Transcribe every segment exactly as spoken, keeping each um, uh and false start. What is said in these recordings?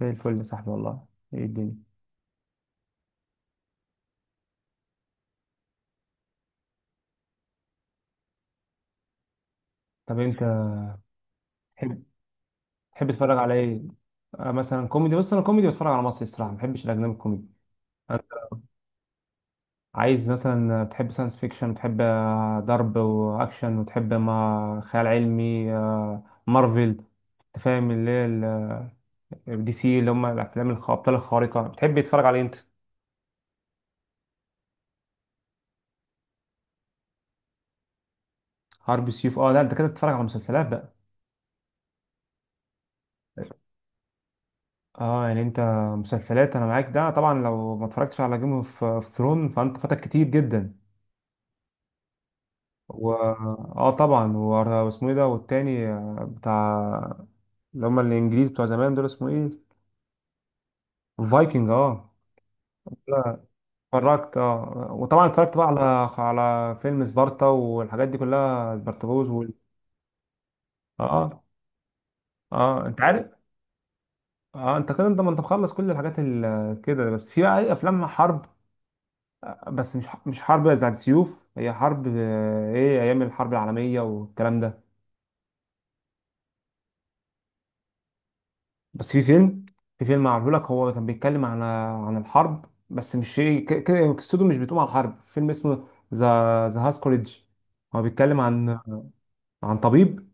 زي الفل يا صاحبي والله. ايه الدنيا؟ طب انت تحب تحب تتفرج على ايه؟ آه مثلا كوميدي، بس انا كوميدي بتفرج على مصري، الصراحه ما بحبش الاجنبي الكوميدي. أنت عايز مثلا، تحب ساينس فيكشن وتحب آه، ضرب واكشن، وتحب ما خيال علمي، آه، مارفل. انت فاهم اللي هي ال- دي سي، اللي هم الافلام الخ- الابطال الخارقه. بتحب تتفرج على إيه انت؟ حرب سيوف؟ اه لا، انت كده بتتفرج على مسلسلات بقى. اه يعني انت مسلسلات انا معاك، ده طبعا لو ما اتفرجتش على جيم اوف ثرون فانت فاتك كتير جدا. و اه طبعا و- واسمه ايه ده، والتاني آه، بتاع اللي هم الانجليز بتوع زمان دول، اسمه ايه؟ الفايكنج، اه. لا، اتفرجت اه. وطبعا اتفرجت بقى على على فيلم سبارتا والحاجات دي كلها، سبارتاكوس وال... اه اه. آه، انت عارف، اه انت كده انت، ما انت مخلص كل الحاجات ال- كده. بس في بقى ايه، افلام حرب، آه، بس مش مش حرب بتاعت سيوف، هي حرب آه، ايه، ايام الحرب العالميه والكلام ده. بس في فيلم في فيلم معمول لك، هو كان بيتكلم عن عن الحرب، بس مش ك- ك- قصته مش بتقوم على الحرب. فيلم اسمه ذا ذا هاس كوليدج. هو بيتكلم عن عن طبيب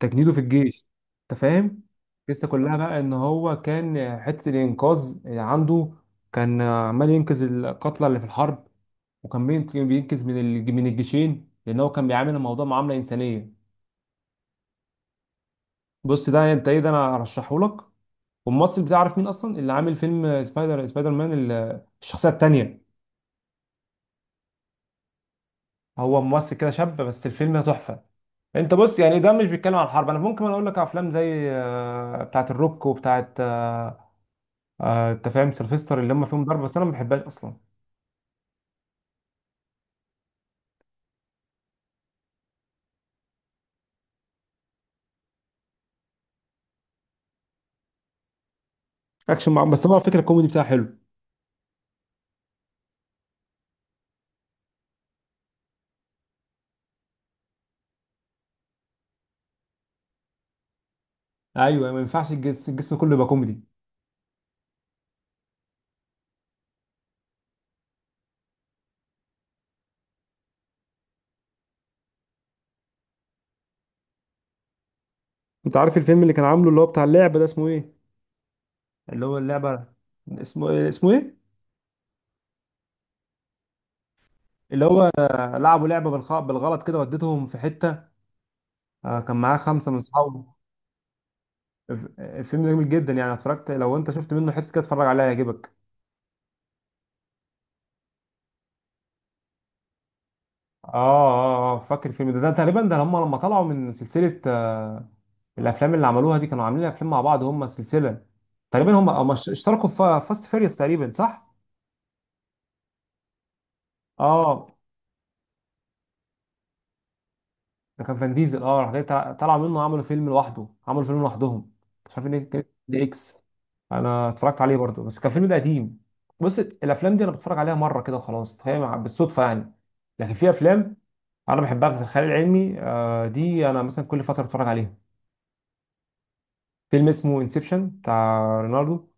تجنيده في الجيش، انت فاهم. القصه كلها بقى ان هو كان حته الانقاذ اللي عنده، كان عمال ينقذ القتلى اللي في الحرب، وكان بينت- بينقذ من الج- من الجيشين، لان هو كان بيعامل الموضوع معامله انسانيه. بص ده انت ايه ده، انا ارشحه لك. والممثل بتعرف مين اصلا اللي عامل فيلم سبايدر، سبايدر مان، ال- الشخصيه التانيه، هو ممثل كده شاب، بس الفيلم ده تحفه. انت بص يعني ده مش بيتكلم عن الحرب. انا ممكن اقول لك افلام زي آه، بتاعه الروك وبتاعه آه، آه، انت فاهم، سيلفستر، اللي هم فيهم ضرب بس انا ما بحبهاش اصلا. اكشن مع... بس هو الفكره الكوميدي بتاعه حلو. ايوه ما ينفعش الجس- الجسم كله يبقى كوميدي. انت عارف الفيلم اللي كان عامله اللي هو بتاع اللعبه ده اسمه ايه، اللي هو اللعبه، اسمه اسمه ايه، اللي هو آه، لعبوا لعبه بالخ... بالغلط كده وديتهم في حته، آه، كان معاه خمسه من صحابه. الفيلم ده جميل جدا يعني، اتفرجت، لو انت شفت منه حته كده اتفرج عليها هيعجبك. اه اه اه فاكر الفيلم ده، ده تقريبا ده هم لما طلعوا من سلسلة آه الافلام اللي عملوها دي، كانوا عاملين افلام مع بعض هم السلسلة تقريبا، هم هم اش- اشتركوا في فاست فيريوس تقريبا، صح؟ اه ده كان فان ديزل، اه. راح جاي طلع- طلعوا منه، عملوا فيلم لوحده، عملوا فيلم لوحدهم، مش عارف ايه كان، دي اكس. انا اتفرجت عليه برضه، بس كان فيلم ده قديم. بص الافلام دي انا بتفرج عليها مره كده وخلاص، هي مع- بالصدفه يعني. لكن في افلام انا بحبها في الخيال العلمي، آه، دي انا مثلا كل فتره بتفرج عليها. فيلم اسمه انسبشن بتاع ليوناردو،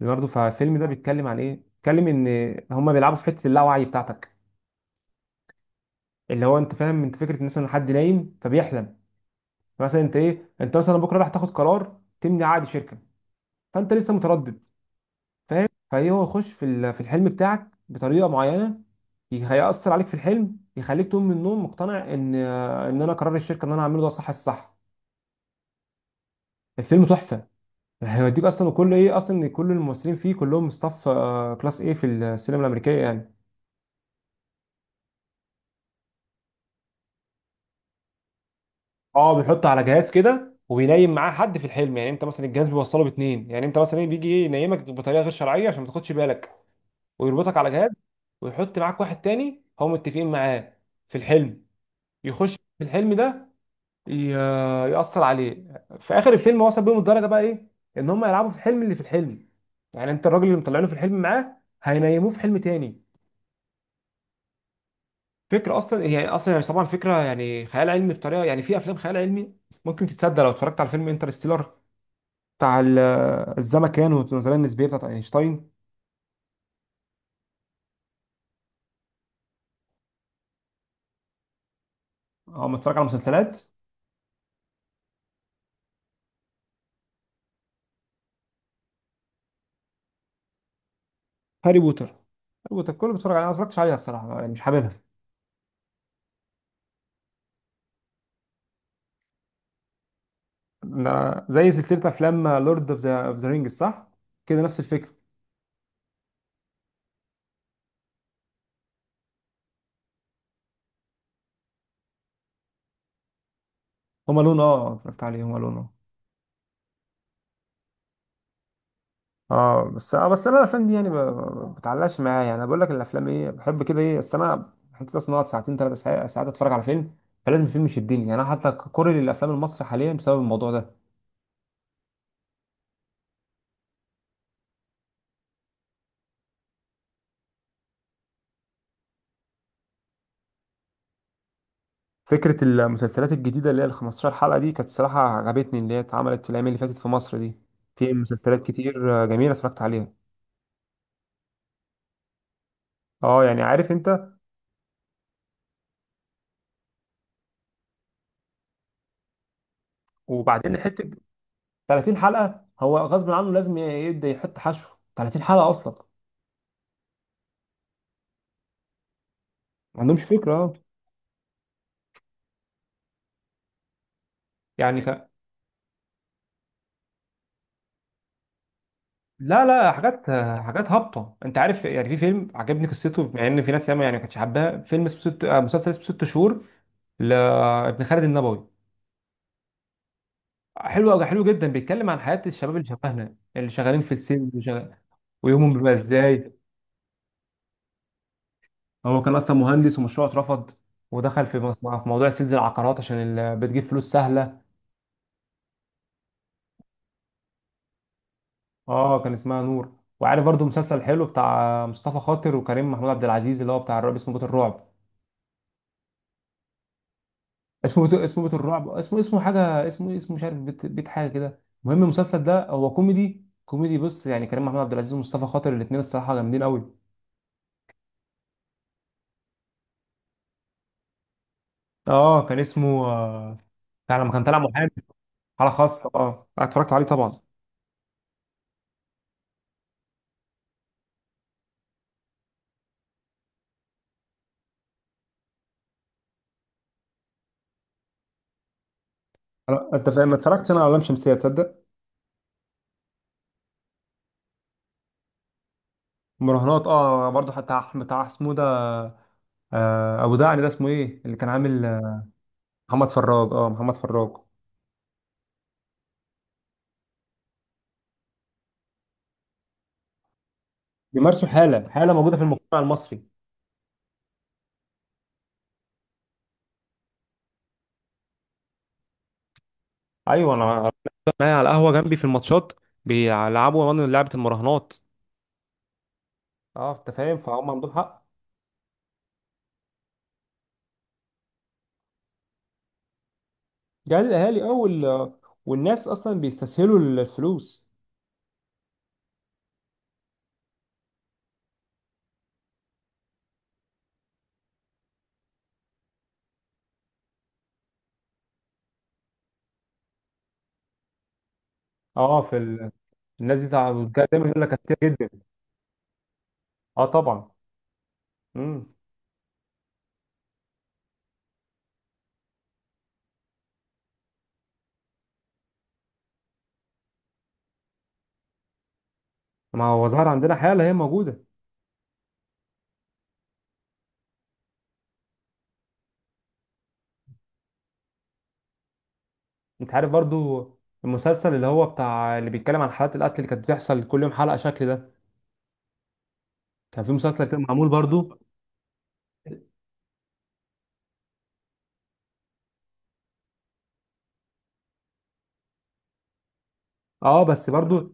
ليوناردو فالفيلم ده بيتكلم عن ايه، بيتكلم ان هما بيلعبوا في حته اللاوعي بتاعتك، اللي هو انت فاهم انت فكره ان مثلا حد نايم فبيحلم. مثلا انت ايه، انت مثلا بكره راح تاخد قرار، تمني عقد شركه، فانت لسه متردد، فاهم؟ فهي هو يخش في ال- في الحلم بتاعك بطريقه معينه، يخ- هيأثر عليك في الحلم، يخليك تقوم من النوم مقتنع ان آه، ان انا قرار الشركه ان انا هعمله ده صح الصح. الفيلم تحفه، هيوديك اصلا، وكل ايه اصلا، إن كل الممثلين فيه كلهم ستاف كلاس ايه في السينما الامريكيه يعني. اه بيحط على جهاز كده وبينيم معاه حد في الحلم، يعني انت مثلا الجهاز بيوصله باتنين، يعني انت مثلا إيه، بيجي ايه، ينيمك بطريقه غير شرعيه عشان ما تاخدش بالك، ويربطك على جهاز، ويحط معاك واحد تاني هم متفقين معاه في الحلم، يخش في الحلم ده، ي- آه، يأثر عليه. في اخر الفيلم وصل بيهم الدرجه بقى ايه، ان هم يلعبوا في الحلم اللي في الحلم، يعني انت الراجل اللي مطلعينه في الحلم معاه، هينيموه في حلم تاني. فكرة أصلا، هي أصلا طبعا فكرة يعني خيال علمي بطريقة، يعني في أفلام خيال علمي ممكن تتصدق. لو اتفرجت على فيلم انترستيلر بتاع ال- الزمكان والنظرية النسبية بتاعت أينشتاين. أو متفرج على مسلسلات. هاري بوتر هاري بوتر كله بتفرج عليها، أنا ما اتفرجتش عليها الصراحة يعني، مش حاببها. ده زي سلسلة أفلام لورد أوف ذا رينجز، صح؟ كده نفس الفكرة. هما لون، أه اتفرجت عليه هما لون. اه بس اه بس انا الافلام دي يعني ما بتعلقش معايا، يعني انا بقول لك الافلام ايه بحب كده ايه، بس انا حتى اصلا اقعد ساعتين ثلاث ساعات ساعات اتفرج على فيلم، فلازم الفيلم يشدني. يعني انا حتى كوري للافلام المصري حاليا بسبب الموضوع ده. فكره المسلسلات الجديده اللي هي ال خمستاشر حلقه دي كانت صراحه عجبتني، اللي هي اتعملت في الايام اللي فاتت في مصر دي. في مسلسلات كتير آه، جميله اتفرجت عليها. اه يعني عارف انت، وبعدين حته تلاتين حلقه، هو غصب عنه لازم يبدا يحط حشو، تلاتين حلقه اصلا، ما عندهمش فكره اه يعني. لا لا، حاجات حاجات هابطه انت عارف يعني. في فيلم عجبني قصته، مع ان في ناس ياما يعني ما كانتش حباها، فيلم اسمه ست، آه، مسلسل اسمه ست شهور لابن خالد النبوي. حلو قوي، حلو جدا. بيتكلم عن حياه الشباب اللي شبهنا اللي شغالين في السيلز وشغال- ويومهم بيبقى ازاي. هو كان اصلا مهندس ومشروعه اترفض، ودخل في مص- في موضوع سيلز العقارات عشان ال- بتجيب فلوس سهله. اه كان اسمها نور. وعارف برضو مسلسل حلو بتاع مصطفى خاطر وكريم محمود عبد العزيز، اللي هو بتاع الرعب، اسمه بيت الرعب، اسمه بيت، اسمه بيت الرعب، اسمه اسمه حاجه، اسمه اسمه مش عارف، بيت، بيت حاجه كده. المهم المسلسل ده هو كوميدي كوميدي، بص يعني كريم محمود عبد العزيز ومصطفى خاطر الاثنين الصراحه جامدين قوي. اه كان اسمه آه، بتاع لما كان طالع محامي. حاله خاصه، اه أنا اتفرجت عليه طبعا. أنا- انت فاهم، ما اتفرجتش انا على لام شمسيه تصدق. مراهنات اه برضه حتى، أح- بتاع اسمه ده آه، ابو دعني، ده اسمه ايه اللي كان عامل، آه، محمد فراج، اه محمد فراج. بيمارسوا حاله، حاله موجوده في المجتمع المصري. ايوه انا معايا على القهوه جنبي في الماتشات بيلعبوا من لعبه المراهنات. اه انت فاهم، فهم عندهم حق. جهل الاهالي اه، وال... والناس اصلا بيستسهلوا الفلوس. اه في ال... الناس دي تع- دايما يقول لك كتير جدا. اه طبعا. امم ما هو ظهر عندنا حاله هي موجوده. انت عارف برضو المسلسل اللي هو بتاع اللي بيتكلم عن حالات القتل اللي كانت بتحصل كل يوم حلقه شكل ده، كان في مسلسل كده معمول برضو. اه بس برضو.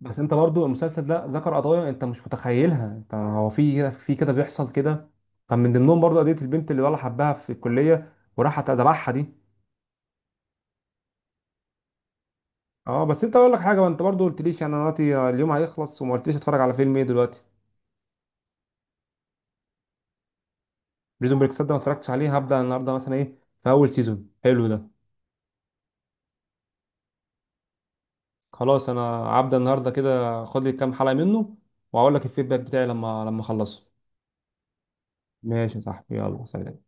بس انت برضو المسلسل ده ذكر قضايا انت مش متخيلها، انت هو في كده في كده بيحصل كده. كان من ضمنهم برضو قضية البنت اللي ولا حبها في الكلية وراحت ادبحها دي. اه بس انت اقول لك حاجة، ما انت برضو قلت ليش، يعني انا دلوقتي اليوم هيخلص وما قلتليش اتفرج على فيلم ايه دلوقتي. بريزون بريك، صدق ما اتفرجتش عليه، هبدأ النهارده مثلا ايه، في اول سيزون حلو ده. خلاص انا هبدأ النهارده كده، خد لي كام حلقة منه واقول لك الفيدباك بتاعي لما لما اخلصه. ماشي يا صاحبي، يلا سلام.